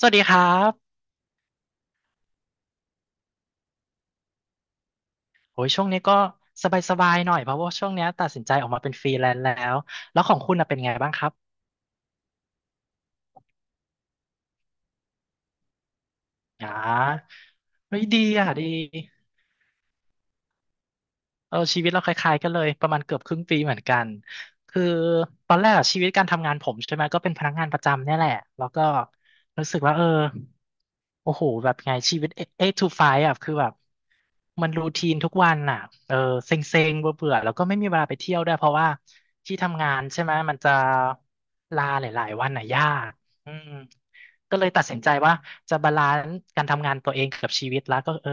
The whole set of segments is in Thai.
สวัสดีครับโอ้ยช่วงนี้ก็สบายๆหน่อยเพราะว่าช่วงเนี้ยตัดสินใจออกมาเป็นฟรีแลนซ์แล้ว แล้วของคุณน่ะเป็นไงบ้างครับอ่าเฮ้ยดีอ่ะดี เออชีวิตเราคล้ายๆกันเลยประมาณเกือบครึ่งปีเหมือนกันคือตอนแรกอะชีวิตการทำงานผมใช่ไหมก็เป็นพนักงานประจำเนี่ยแหละแล้วก็รู้สึกว่าโอ้โหแบบไงชีวิต e i g t o f อ่ะคือแบบมันรูทีนทุกวันอ่ะเออเซ็งๆเบื่อๆแล้วก็ไม่มีเวลาไปเที่ยวด้วยเพราะว่าที่ทำงานใช่ไหมมันจะลาหลายๆวันอ่ะยากอืม ก็เลยตัดสินใจว่าจะบาลานซ์การทำงานตัวเองกับชีวิตแล้วก็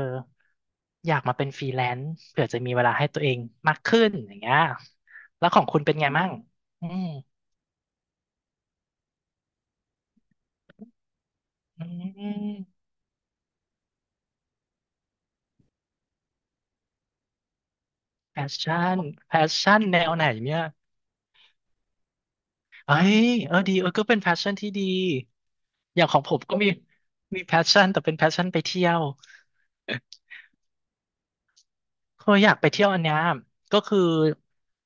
อยากมาเป็นฟรีแลนซ์เผื่อจะมีเวลาให้ตัวเองมากขึ้นอย่างเงี้ยแล้วของคุณเป็นไงมั่งอืมอืมแพชชั่นแพชชั่นแนวไหนเนี่ยเอ้ยเออดีเออก็เป็นแพชชั่นที่ดีอย่างของผมก็มีมีแพชชั่นแต่เป็นแพชชั่นไปเที่ยวเคยอยากไปเที่ยวอันเนี้ยก็คือ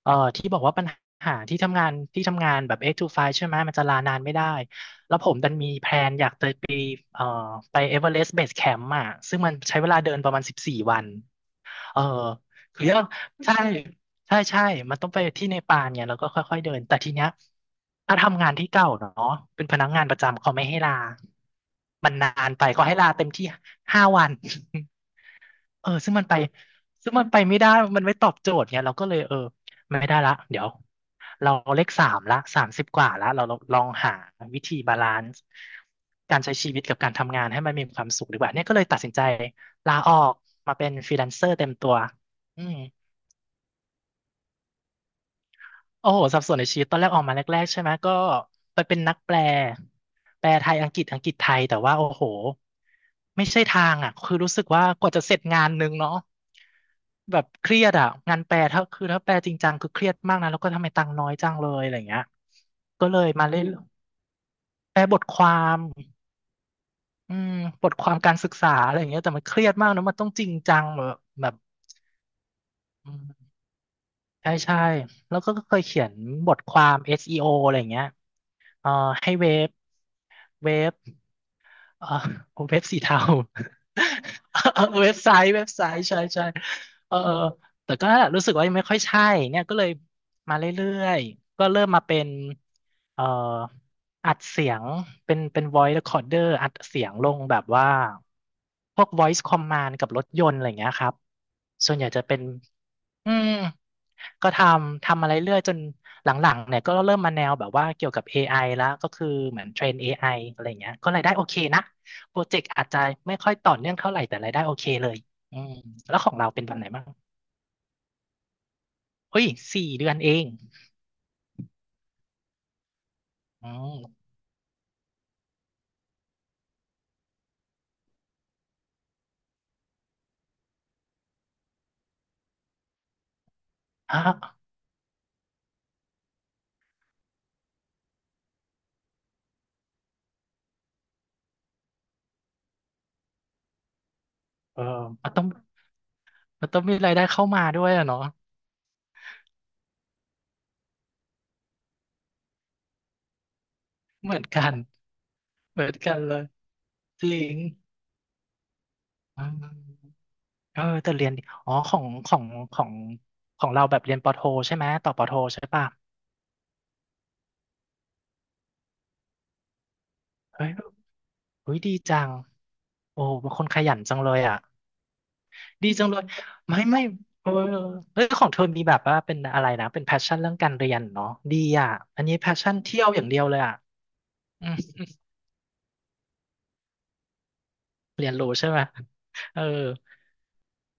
ที่บอกว่าปัญหาที่ทำงานแบบ8 to 5ใช่ไหม มันจะลานานไม่ได้ เอ่อไปเอเวอเรสต์เบสแคมป์อ่ะซึ่งมันใช้เวลาเดินประมาณสิบสี่วันเออคือก็ใช่ใช่ใช่มันต้องไปที่เนปาลเนี่ยแล้วก็ค่อยๆเดินแต่ทีเนี้ยถ้าทำงานที่เก่าเนาะเป็นพนักงานประจำเขาไม่ให้ลามันนานไปเขาให้ลาเต็มที่ห้าวัน เออซึ่งมันไปไม่ได้ มันไม่ตอบโจทย์ไงเราก็เลยไม่ได้ละเดี๋ยวเราเลขสามละสามสิบกว่าละเราลองหาวิธีบาลานซ์การใช้ชีวิตกับการทำงานให้มันมีความสุขดีกว่าเนี่ยก็เลยตัดสินใจลาออกมาเป็นฟรีแลนเซอร์เต็มตัวอืม โอ้โหสับสนในชีวิตตอนแรกออกมาแรกๆใช่ไหมก็ไปเป็นนักแปลแปลไทยอังกฤษอังกฤษไทยแต่ว่าโอ้โหไม่ใช่ทางอ่ะคือรู้สึกว่ากว่าจะเสร็จงานนึงเนาะแบบเครียดอ่ะงานแปลถ้าแปลจริงจังคือเครียดมากนะแล้วก็ทำไมตังค์น้อยจังเลยอะไรเงี้ยก็เลยมาเล่นแปลบทความอืมบทความการศึกษาอะไรอย่างเงี้ยแต่มันเครียดมากนะมันต้องจริงจังแบบอืมใช่ใช่แล้วก็เคยเขียนบทความ SEO อสอีโออะไรอย่างเงี้ยเอ่อให้เว็บ เว็บอ่าเว็บสีเทา เออเว็บไซต์เว็บไซต์ ใช่ใช่เออเออแต่ก็รู้สึกว่ายังไม่ค่อยใช่เนี่ยก็เลยมาเรื่อยๆ ก็เริ่มมาเป็นเอ่ออัดเสียงเป็น voice recorder อัดเสียงลงแบบว่าพวก voice command กับรถยนต์อะไรอย่างเงี้ยครับส่วนใหญ่จะเป็น อืมก็ทำอะไรเรื่อยจนหลังๆเนี่ยก็เริ่มมาแนวแบบว่าเกี่ยวกับ a อไอแล้วก็คือเหมือนเทรน a อไออะไรอย่างเงี้ยก็รายได้โอเคนะโปรเจกต์อาจจะไม่ค่อยต่อเนื่องเท่าไหร่แต่รายได้โอเคเลยอืมแล้วของเราเป็นตอนไหนบ้างเฮ้ยสี่เดือนเองอืมฮะเออมันต้องมันต้องมีรายได้เข้ามาด้วยอะเนาะเหมือนกันเหมือนกันเลยจริงอืมเออแต่เรียนดีอ๋อของของเราแบบเรียนปอโทใช่ไหมต่อปอโทใช่ป่ะ เฮ้ยเฮ้ยดีจังโอ้เป็นคนขยันจังเลยอ่ะดีจังเลย ไม่ไม่เออเฮ้ยของเธอมีแบบว่าเป็นอะไรนะ เป็นแพชชั่นเรื่องการเรียนเนาะดีอ่ะอันนี้แพชชั่นเที่ยวอย่างเดียวเลยอ่ะอืมเรียนรู้ใช่ไหม เออ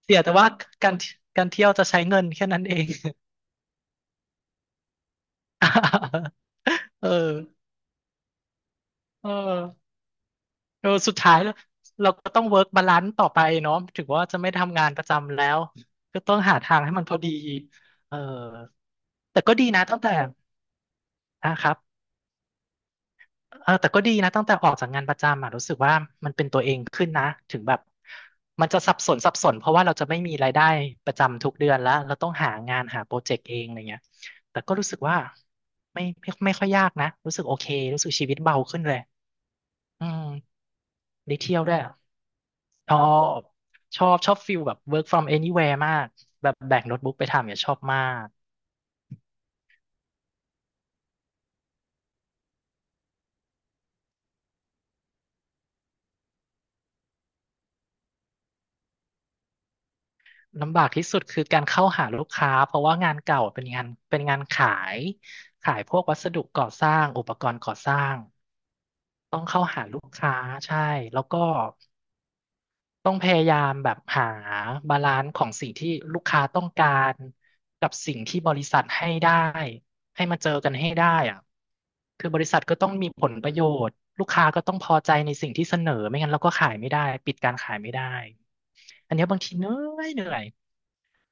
เสียแต่ว่าการการเที่ยวจะใช้เงินแค่นั้นเอง เออเออเออสุดท้ายแล้วเราก็ต้องเวิร์กบาลานซ์ต่อไปเนาะถึงว่าจะไม่ทำงานประจำแล้ว ก็ต้องหาทางให้มันพอดีเออ แต่ก็ดีนะตั้งแต่อ่ะครับเออแต่ก็ดีนะตั้งแต่ออกจากงานประจำอ่ะรู้สึกว่ามันเป็นตัวเองขึ้นนะถึงแบบมันจะสับสนเพราะว่าเราจะไม่มีรายได้ประจำทุกเดือนแล้วเราต้องหางานหาโปรเจกต์เองอะไรเงี้ยแต่ก็รู้สึกว่าไม่ค่อยยากนะรู้สึกโอเครู้สึกชีวิตเบาขึ้นเลยอืมได้เที่ยวด้วยชอบชอบชอบฟิลแบบ work from anywhere มากแบบแบกโน้ตบุ๊กไปทำเนี่ยชอบมาก ลำบากที่สุดคือการเข้าหาลูกค้า เพราะว่างานเก่าเป็นงานเป็นงานขายขายพวกวัสดุก่อสร้างอุปกรณ์ก่อสร้างต้องเข้าหาลูกค้าใช่แล้วก็ต้องพยายามแบบหาบาลานซ์ของสิ่งที่ลูกค้าต้องการกับสิ่งที่บริษัทให้ได้ให้มาเจอกันให้ได้อะคือบริษัทก็ต้องมีผลประโยชน์ลูกค้าก็ต้องพอใจในสิ่งที่เสนอไม่งั้นเราก็ขายไม่ได้ปิดการขายไม่ได้อันเนี้ยบางทีเหนื่อย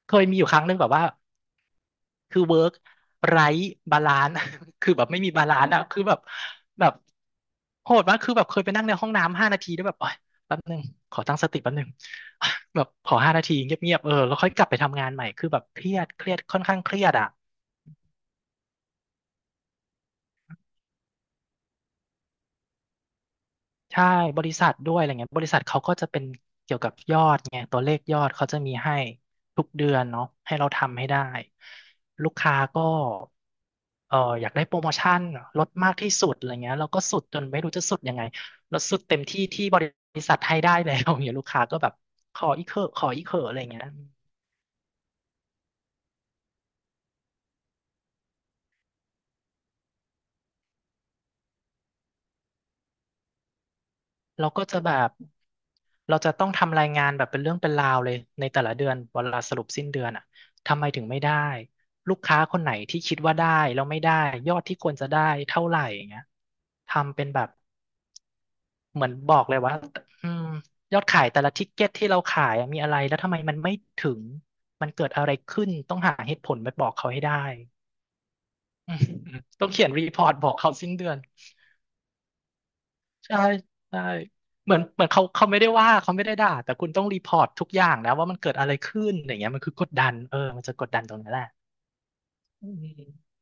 เคยมีอยู่ครั้งหนึ่งแบบว่า คือเวิร์กไร้บาลานซ์ คือแบบไม่มีบาลานซ์อะคือแบบแบบโหดมากคือแบบเคยไปนั่งในห้องน้ำห้านาทีแล้วยแบบโอ๊ยแป๊บนึงขอตั้งสติแป๊บนึง แบบขอห้านาทีเงียบๆเออแล้วค่อยกลับไปทำงานใหม่คือแบบเครียดค่อนข้างเครียดอะ ใช่บริษัทด้วยอะไรเงี้ยบริษัทเขาก็จะเป็นเกี่ยวกับยอดไงตัวเลขยอดเขาจะมีให้ทุกเดือนเนาะให้เราทำให้ได้ลูกค้าก็เอออยากได้โปรโมชั่นลดมากที่สุดอะไรเงี้ยเราก็สุดจนไม่รู้จะสุดยังไงเราสุดเต็มที่ที่บริษัทให้ได้แล้ว อย่างเงี้ยลูกค้าก็แบบขออีกเถอะขออีกเถอะอะไรเงี้ย เราก็จะแบบเราจะต้องทำรายงานแบบเป็นเรื่องเป็นราวเลยในแต่ละเดือนเวลาสรุปสิ้นเดือนอ่ะทำไมถึงไม่ได้ลูกค้าคนไหนที่คิดว่าได้แล้วไม่ได้ยอดที่ควรจะได้เท่าไหร่อย่างเงี้ยทำเป็นแบบเหมือนบอกเลยว่าอืมยอดขายแต่ละทิกเก็ตที่เราขายอะมีอะไรแล้วทำไมมันไม่ถึงมันเกิดอะไรขึ้นต้องหาเหตุผลไปบอกเขาให้ได้อืมต้องเขียนรีพอร์ตบอกเขาสิ้นเดือน ใช่ใช่เหมือนเขาไม่ได้ว่าเขาไม่ได้ด่าแต่คุณต้องรีพอร์ตทุกอย่างนะว่ามันเกิดอะไรขึ้นอย่างเงี้ยมันคือกดดันเออมันจะกดดันตรงนั้นแหละอืม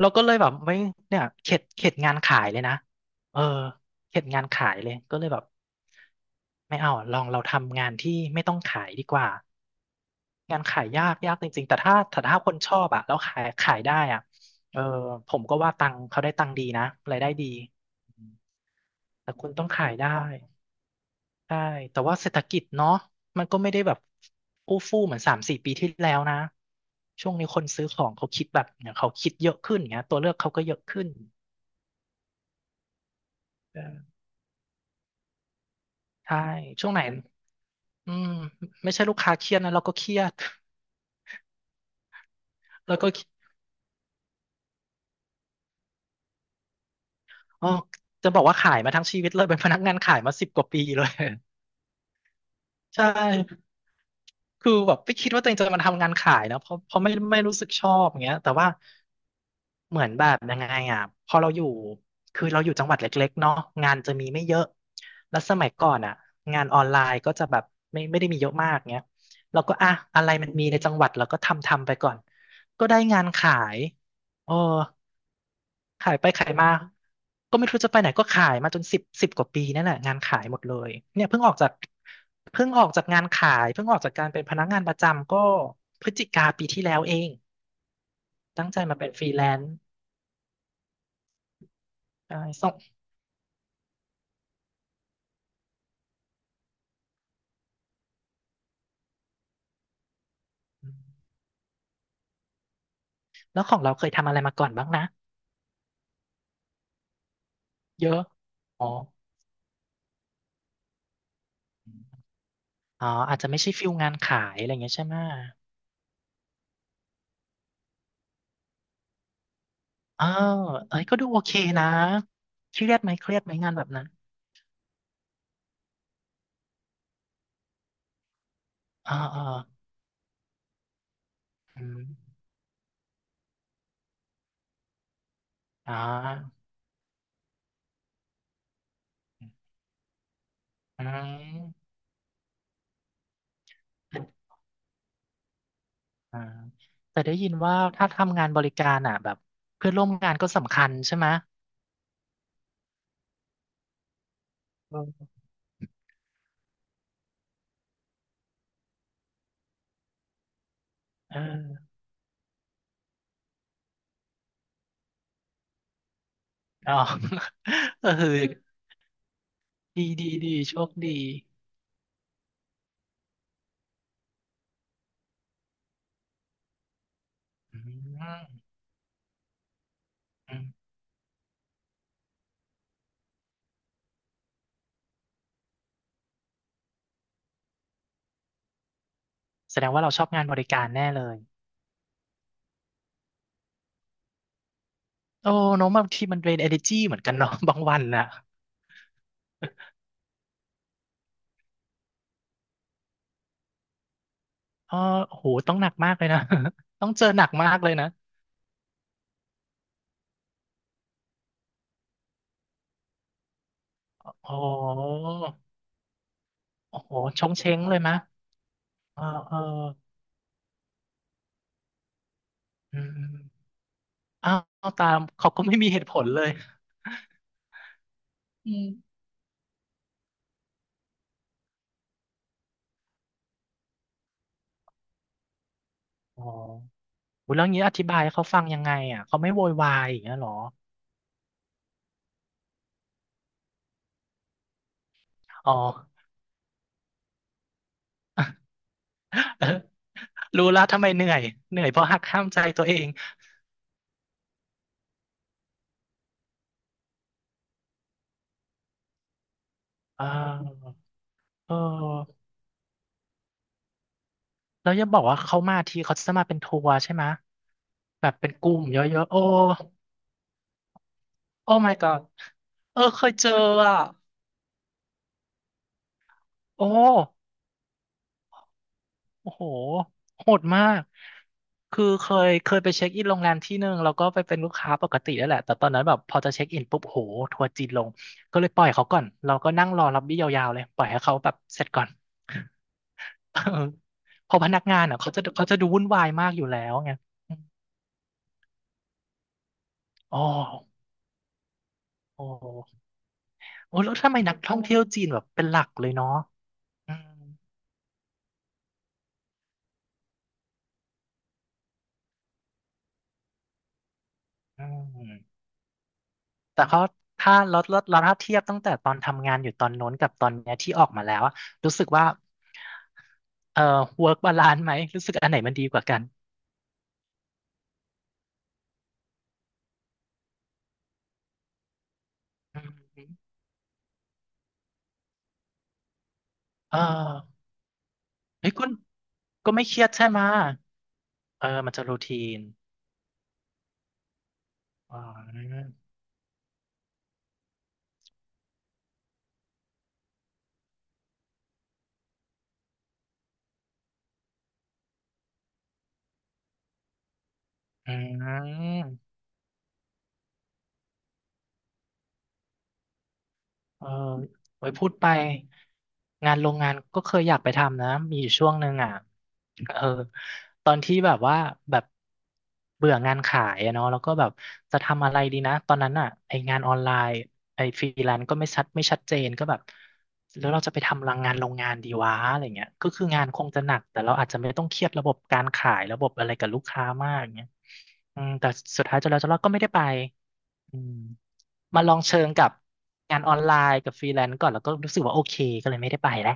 เราก็เลยแบบไม่เนี่ยเข็ดงานขายเลยนะเออเข็ดงานขายเลยก็เลยแบบไม่เอาลองเราทำงานที่ไม่ต้องขายดีกว่างานขายยากจริงๆแต่ถ้าคนชอบอะแล้วขายได้อะเออผมก็ว่าตังค์เขาได้ตังค์ดีนะรายได้ดีอืมแต่คุณต้องขายได้ ใช่ แต่ว่าเศรษฐกิจเนาะมันก็ไม่ได้แบบอู้ฟู่เหมือนสามสี่ปีที่แล้วนะ ช่วงนี้คนซื้อของเขาคิดแบบเนี่ยเขาคิดเยอะขึ้นเงี้ยตัวเลือกเขาก็เยอะขึ้นเออใช่ ช่วงไหนอืมไม่ใช่ลูกค้าเครียดนะเราก็เครียดแล้วก็อ๋อจะบอกว่าขายมาทั้งชีวิตเลยเป็นพนักงานขายมาสิบกว่าปีเลย ใช่ คือแบบไม่คิดว่าตัวเองจะมาทำงานขายนะ เพราะไม่รู้สึกชอบอย่างเงี้ยแต่ว่าเหมือนแบบยังไงอ่ะพอเราอยู่คือเราอยู่จังหวัดเล็กๆเนาะงานจะมีไม่เยอะ แล้วสมัยก่อนอ่ะงานออนไลน์ก็จะแบบไม่ได้มีเยอะมากเงี้ยเราก็อ่ะอะไรมันมีในจังหวัดเราก็ทำไปก่อน ก็ได้งานขายเออ ขายไปขายมาก็ไม่รู้จะไปไหนก็ขายมาจนสิบกว่าปีนั่นแหละงานขายหมดเลยเนี่ยเพิ่งออกจากเพิ่งออกจากงานขายเพิ่งออกจากการเป็นพนักงานประจำก็พฤศจิกาปีที่แล้วเองตั้งใจมาเป็นฟรีแลนซ์ใช่ส่งอืมแล้วของเราเคยทำอะไรมาก่อนบ้างนะเยอะอ๋ออ๋ออาจจะไม่ใช่ฟิลงานขายอะไรอย่างเงี้ยใช่ไหมเออเอ้ยก็ดูโอเคนะเครียดไหมงานแบบนั้นอ่าอ่าอืมอ่าอืม อ่าแต่ได้ยินว่าถ้าทำงานบริการอ่ะแบบเพื่อนร่วมงานก็สำคัญใช่ไหมเอืเออ อ๋อ เออดีโชคดีอืมอืมแสดงว่าเราชอบงานบริการแน่เลยโอ้เน้องบางทีมันเป็น energy เหมือนกันเนาะ บางวันน่ะเออโอ้โหต้องหนักมากเลยนะ ต้องเจอหนักมากเลยนะโอ้โหอ้โหชงเช้งเลยมะเออเอออืมอ้าวตามเขาก็ไม่มีเหตุผลเลยอืมอ๋อ อุ๊ยแล้วงี้อธิบายให้เขาฟังยังไงอ่ะเขาไม่โวยวายอย่างเงี้ยเหรออ๋อ เออรู้แล้วทำไมเหนื่อยเหนื่อยเพราะหักห้ามใจตัวเองเออเออแล้วอย่าบอกว่าเขามาทีเขาจะมาเป็นทัวร์ใช่ไหมะแบบเป็นกลุ่มเยอะๆโอ้โอ้ my god เออเคยเจออ่ะโอ้ โอ้โห โหดมากคือเคยไปเช็คอินโรงแรมที่หนึ่งแล้วก็ไปเป็นลูกค้าปกตินั่นแหละแต่ตอนนั้นแบบพอจะเช็คอินปุ๊บโหทัวร์จีนลงก็เลยปล่อยเขาก่อนเราก็นั่งรอล็อบบี้ยาวๆเลยปล่อยให้เขาแบบเสร็จก่อน เออเพอพนักงานอ่ะเขาจะดูวุ่นวายมากอยู่แล้วไงอมอ๋อโอ้โหโอ้แล้วทำไมนักท่องเที่ยวจีนแบบเป็นหลักเลยเนาะอืมอืม แต่เขาถ้าเราถ้าเทียบตั้งแต่ตอนทำงานอยู่ตอนโน้นกับตอนเนี้ยที่ออกมาแล้วอะรู้สึกว่าwork balance ไหมรู้สึกอันไหนมันดีกว่ากันอืมเออเฮ้ยคุณก็ไม่เครียดใช่ไหมะเออมันจะรูทีนอ๋ออืม เออไว้พูดไปงานโรงงานก็เคยอยากไปทำนะมีอยู่ช่วงหนึ่งอ่ะเออตอนที่แบบว่าแบบเบื่องานขายอะเนาะแล้วก็แบบจะทำอะไรดีนะตอนนั้นอ่ะไองานออนไลน์ไอฟรีแลนซ์ก็ไม่ชัดเจนก็แบบแล้วเราจะไปทำรังงานโรงงานดีวะอะไรเงี้ยก็คืองานคงจะหนักแต่เราอาจจะไม่ต้องเครียดระบบการขายระบบอะไรกับลูกค้ามากเงี้ยอืมแต่สุดท้ายจนแล้วจนรอดก็ไม่ได้ไป อืมมาลองเชิงกับงานออนไลน์กับฟรีแลนซ์ก่อนแล้วก็รู้สึกว่าโอเคก็เลยไม่ได้ไปแล้ว